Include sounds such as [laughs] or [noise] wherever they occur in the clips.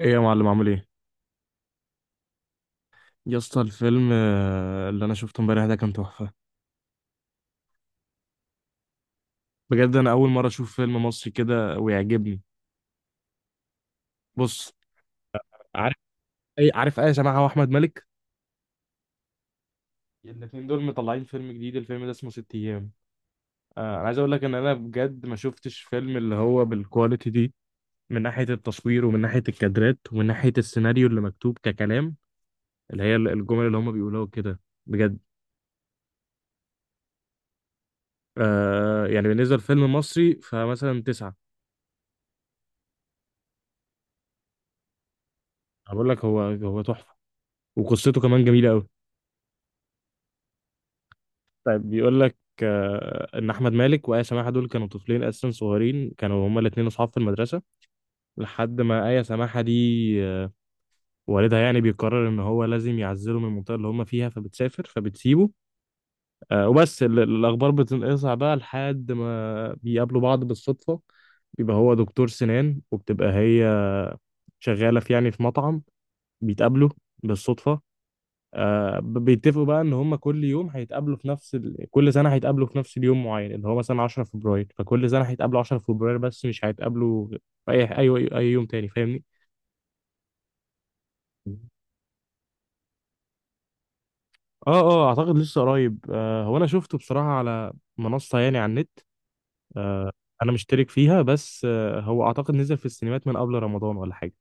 ايه يا معلم عامل ايه؟ يا اسطى الفيلم اللي انا شفته امبارح ده كان تحفه. بجد انا اول مره اشوف فيلم مصري كده ويعجبني. بص، عارف اي، عارف اي سماحه واحمد مالك؟ الاثنين دول مطلعين فيلم جديد، الفيلم ده اسمه ست ايام. انا عايز اقول لك ان انا بجد ما شفتش فيلم اللي هو بالكواليتي دي، من ناحيه التصوير ومن ناحيه الكادرات ومن ناحيه السيناريو اللي مكتوب ككلام، اللي هي الجمل اللي هم بيقولوها كده. بجد. آه يعني بالنسبه لفيلم مصري فمثلا تسعة. أنا بقول لك هو هو تحفه، وقصته كمان جميله قوي. طيب بيقول لك، ان احمد مالك وايه سماحه دول كانوا طفلين اساسا صغيرين، كانوا هما الاثنين اصحاب في المدرسه لحد ما ايه سماحه دي، آه، والدها يعني بيقرر ان هو لازم يعزله من المنطقه اللي هما فيها، فبتسافر فبتسيبه. الاخبار بتنقطع بقى لحد ما بيقابلوا بعض بالصدفه. بيبقى هو دكتور سنان، وبتبقى هي شغاله في، يعني في مطعم. بيتقابلوا بالصدفه. بيتفقوا بقى ان هم كل يوم هيتقابلوا في نفس كل سنه هيتقابلوا في نفس اليوم معين، اللي هو مثلا 10 فبراير، فكل سنه هيتقابلوا 10 فبراير بس مش هيتقابلوا في اي يوم تاني، فاهمني؟ اه اه، اعتقد لسه قريب، آه. هو انا شفته بصراحه على منصه، يعني على النت. آه، انا مشترك فيها، بس آه هو اعتقد نزل في السينمات من قبل رمضان ولا حاجه.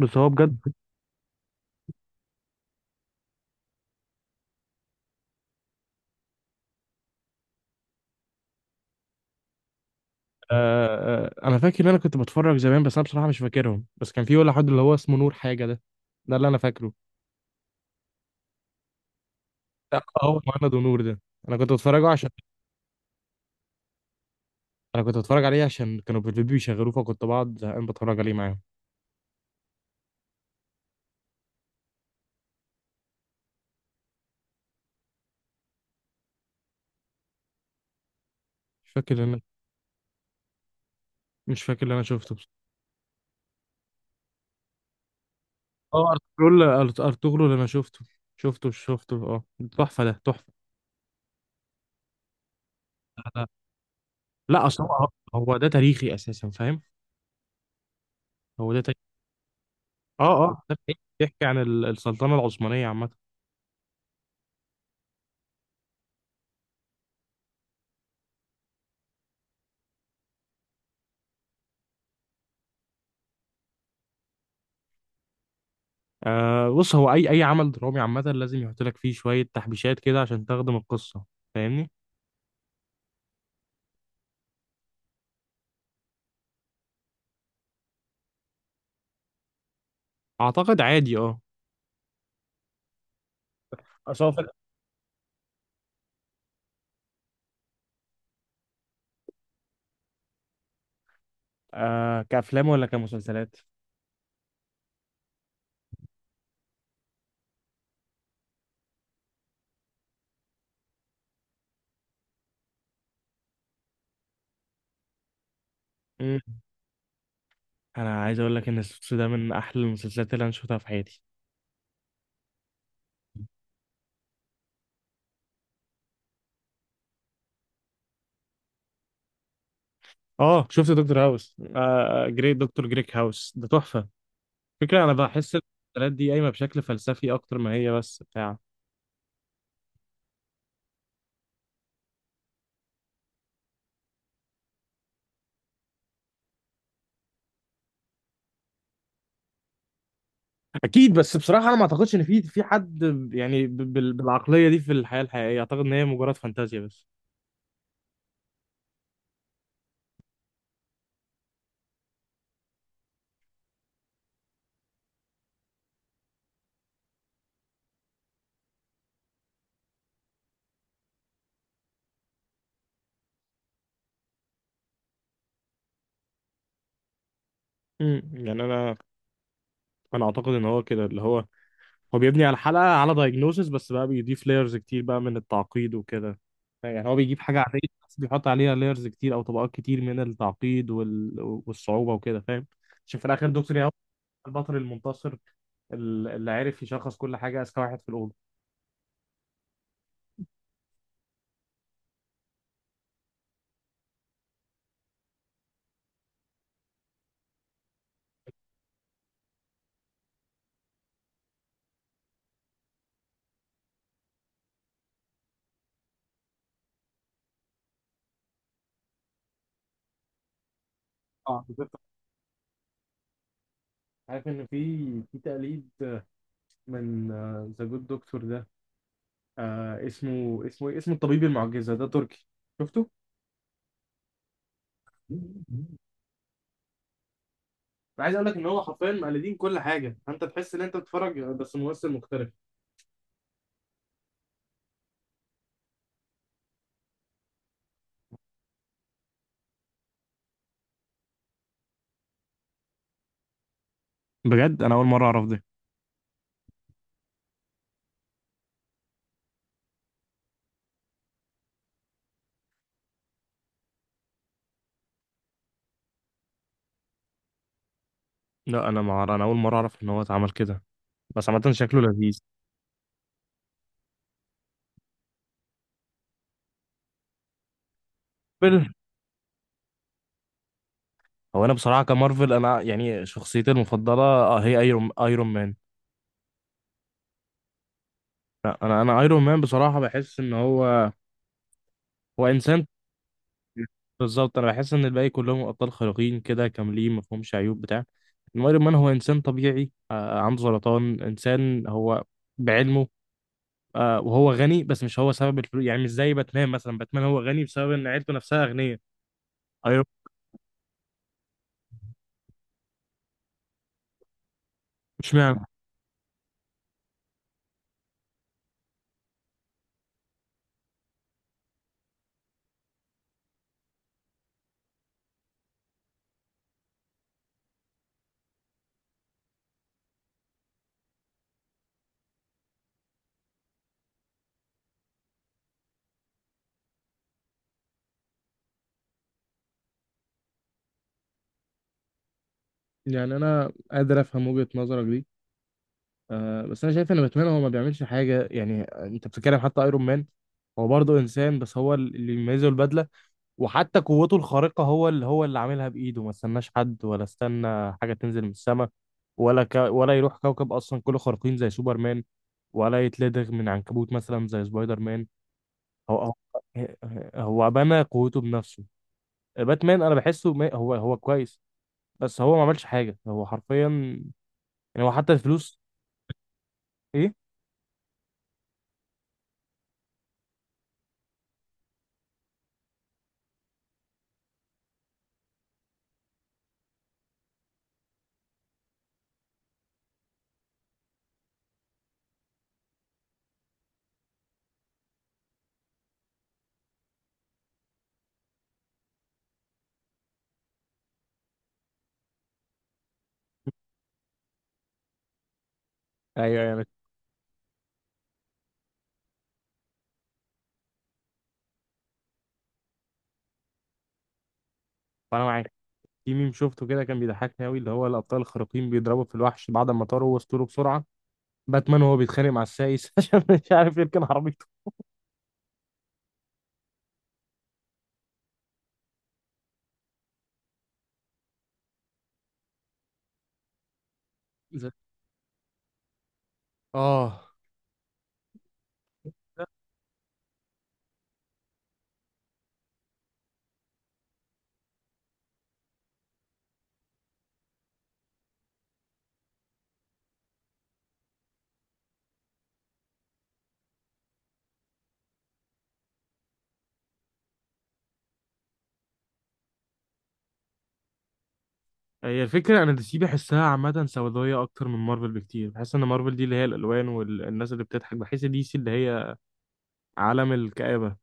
بس هو بجد. آه آه، انا فاكر ان انا كنت بتفرج زمان، بس انا بصراحه مش فاكرهم. بس كان في ولا حد اللي هو اسمه نور حاجه ده، ده اللي انا فاكره. لا، هو مهند ونور ده انا كنت بتفرجه عشان، انا كنت بتفرج عليه عشان كانوا في البيبي بيشغلوه، فكنت بقعد زهقان بتفرج عليه معاهم. مش فاكر اللي انا مش فاكر اللي انا شفته بس. اه ارطغرل. ارطغرل اللي انا شفته اه. تحفه ده، تحفه. لا. لا، اصل هو، هو ده تاريخي اساسا، فاهم؟ هو ده تاريخي. اه اه، ده بيحكي عن السلطنه العثمانيه عامه. آه بص، هو اي اي عمل درامي عامه لازم يحط لك فيه شويه تحبيشات كده عشان تخدم القصه، فاهمني؟ اعتقد عادي، اه. اصل هو في، آه، كأفلام ولا كمسلسلات؟ مم. انا عايز اقول لك ان السوتس ده من احلى المسلسلات اللي انا شفتها في حياتي. اه شفت دكتور هاوس، آه جريت دكتور جريك هاوس ده تحفة. فكرة، انا بحس المسلسلات دي قايمة بشكل فلسفي اكتر ما هي بس بتاع. اكيد، بس بصراحه انا ما اعتقدش ان في حد، يعني بالعقلية دي في الحياة الحقيقية، اعتقد ان هي مجرد فانتازيا بس. مم. يعني انا اعتقد ان هو كده، اللي هو، هو بيبني على الحلقة على دايجنوسيس، بس بقى بيضيف لايرز كتير بقى من التعقيد وكده. يعني هو بيجيب حاجة عادية بس بيحط عليها لايرز كتير أو طبقات كتير من التعقيد والصعوبة وكده، فاهم؟ عشان في الآخر دكتور ياهو البطل المنتصر، اللي عرف يشخص كل حاجة، أذكى واحد في الأوضة. اه بالظبط. عارف إن في، في تقليد من ذا جود دكتور ده. آه، اسمه إيه؟ اسمه الطبيب المعجزة ده تركي. شفته؟ أنا عايز اقول لك ان هو حرفيا مقلدين كل حاجه، انت تحس ان انت بتتفرج بس ممثل مختلف. بجد انا اول مره اعرف ده. لا انا مع... انا اول مره اعرف ان هو اتعمل كده. بس عامه شكله لذيذ. مارفل. هو انا بصراحه كمارفل، انا يعني شخصيتي المفضله آه هي ايرون مان. لا انا ايرون مان بصراحه، بحس ان هو، هو انسان. بالظبط، انا بحس ان الباقي كلهم ابطال خارقين كده كاملين، ما فيهمش عيوب بتاع. إنما ايرون مان هو انسان طبيعي، آه عنده سرطان، انسان هو بعلمه. آه وهو غني، بس مش هو سبب الفلوس. يعني مش زي باتمان مثلا، باتمان هو غني بسبب ان عيلته نفسها اغنياء. ايوه. مش معنى، يعني انا قادر افهم وجهة نظرك دي، آه. بس انا شايف ان باتمان هو ما بيعملش حاجه. يعني انت بتتكلم، حتى ايرون مان هو برضه انسان، بس هو اللي يميزه البدله. وحتى قوته الخارقه هو اللي، هو اللي عاملها بايده، ما استناش حد ولا استنى حاجه تنزل من السماء. ولا يروح كوكب اصلا كله خارقين زي سوبرمان، ولا يتلدغ من عنكبوت مثلا زي سبايدر مان. هو هو، هو بنى قوته بنفسه. باتمان انا بحسه هو هو كويس، بس هو ما عملش حاجه، هو حرفيا، يعني هو حتى الفلوس. ايه؟ ايوه، ايوه، انا معاك. في ميم شفته كده كان بيضحكني قوي، اللي هو الابطال الخارقين بيضربوا في الوحش بعد ما طاروا وسطوله بسرعه، باتمان وهو بيتخانق مع السايس [laughs] عشان مش عارف يركن عربيته. ز- اه، هي الفكره، انا دي سي بحسها عامه سوداويه اكتر من مارفل بكتير. بحس ان مارفل دي اللي هي الالوان والناس اللي بتضحك، بحس دي سي اللي هي عالم الكآبه.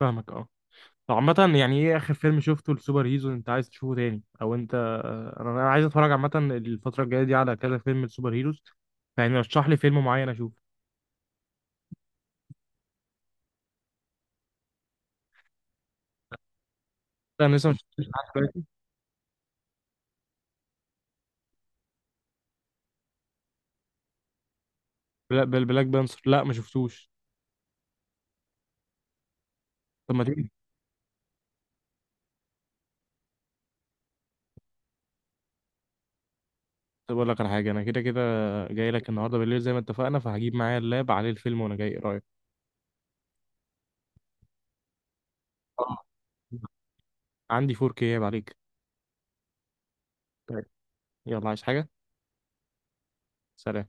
فاهمك، اه. طب عامة، يعني ايه اخر فيلم شفته لسوبر هيرو انت عايز تشوفه تاني، او انت، انا عايز اتفرج عامة الفترة الجاية دي على كذا فيلم لسوبر هيروز. يعني رشح لي فيلم معين اشوفه. لا انا لسه ما شفتوش لحد دلوقتي. بلاك بانثر لا ما شفتوش. طب ما تيجي. طب اقول لك على حاجه، انا كده كده جاي لك النهارده بالليل زي ما اتفقنا، فهجيب معايا اللاب عليه الفيلم وانا جاي، ايه رايك؟ آه. عندي 4K عيب عليك. طيب. يلا، عايز حاجه؟ سلام.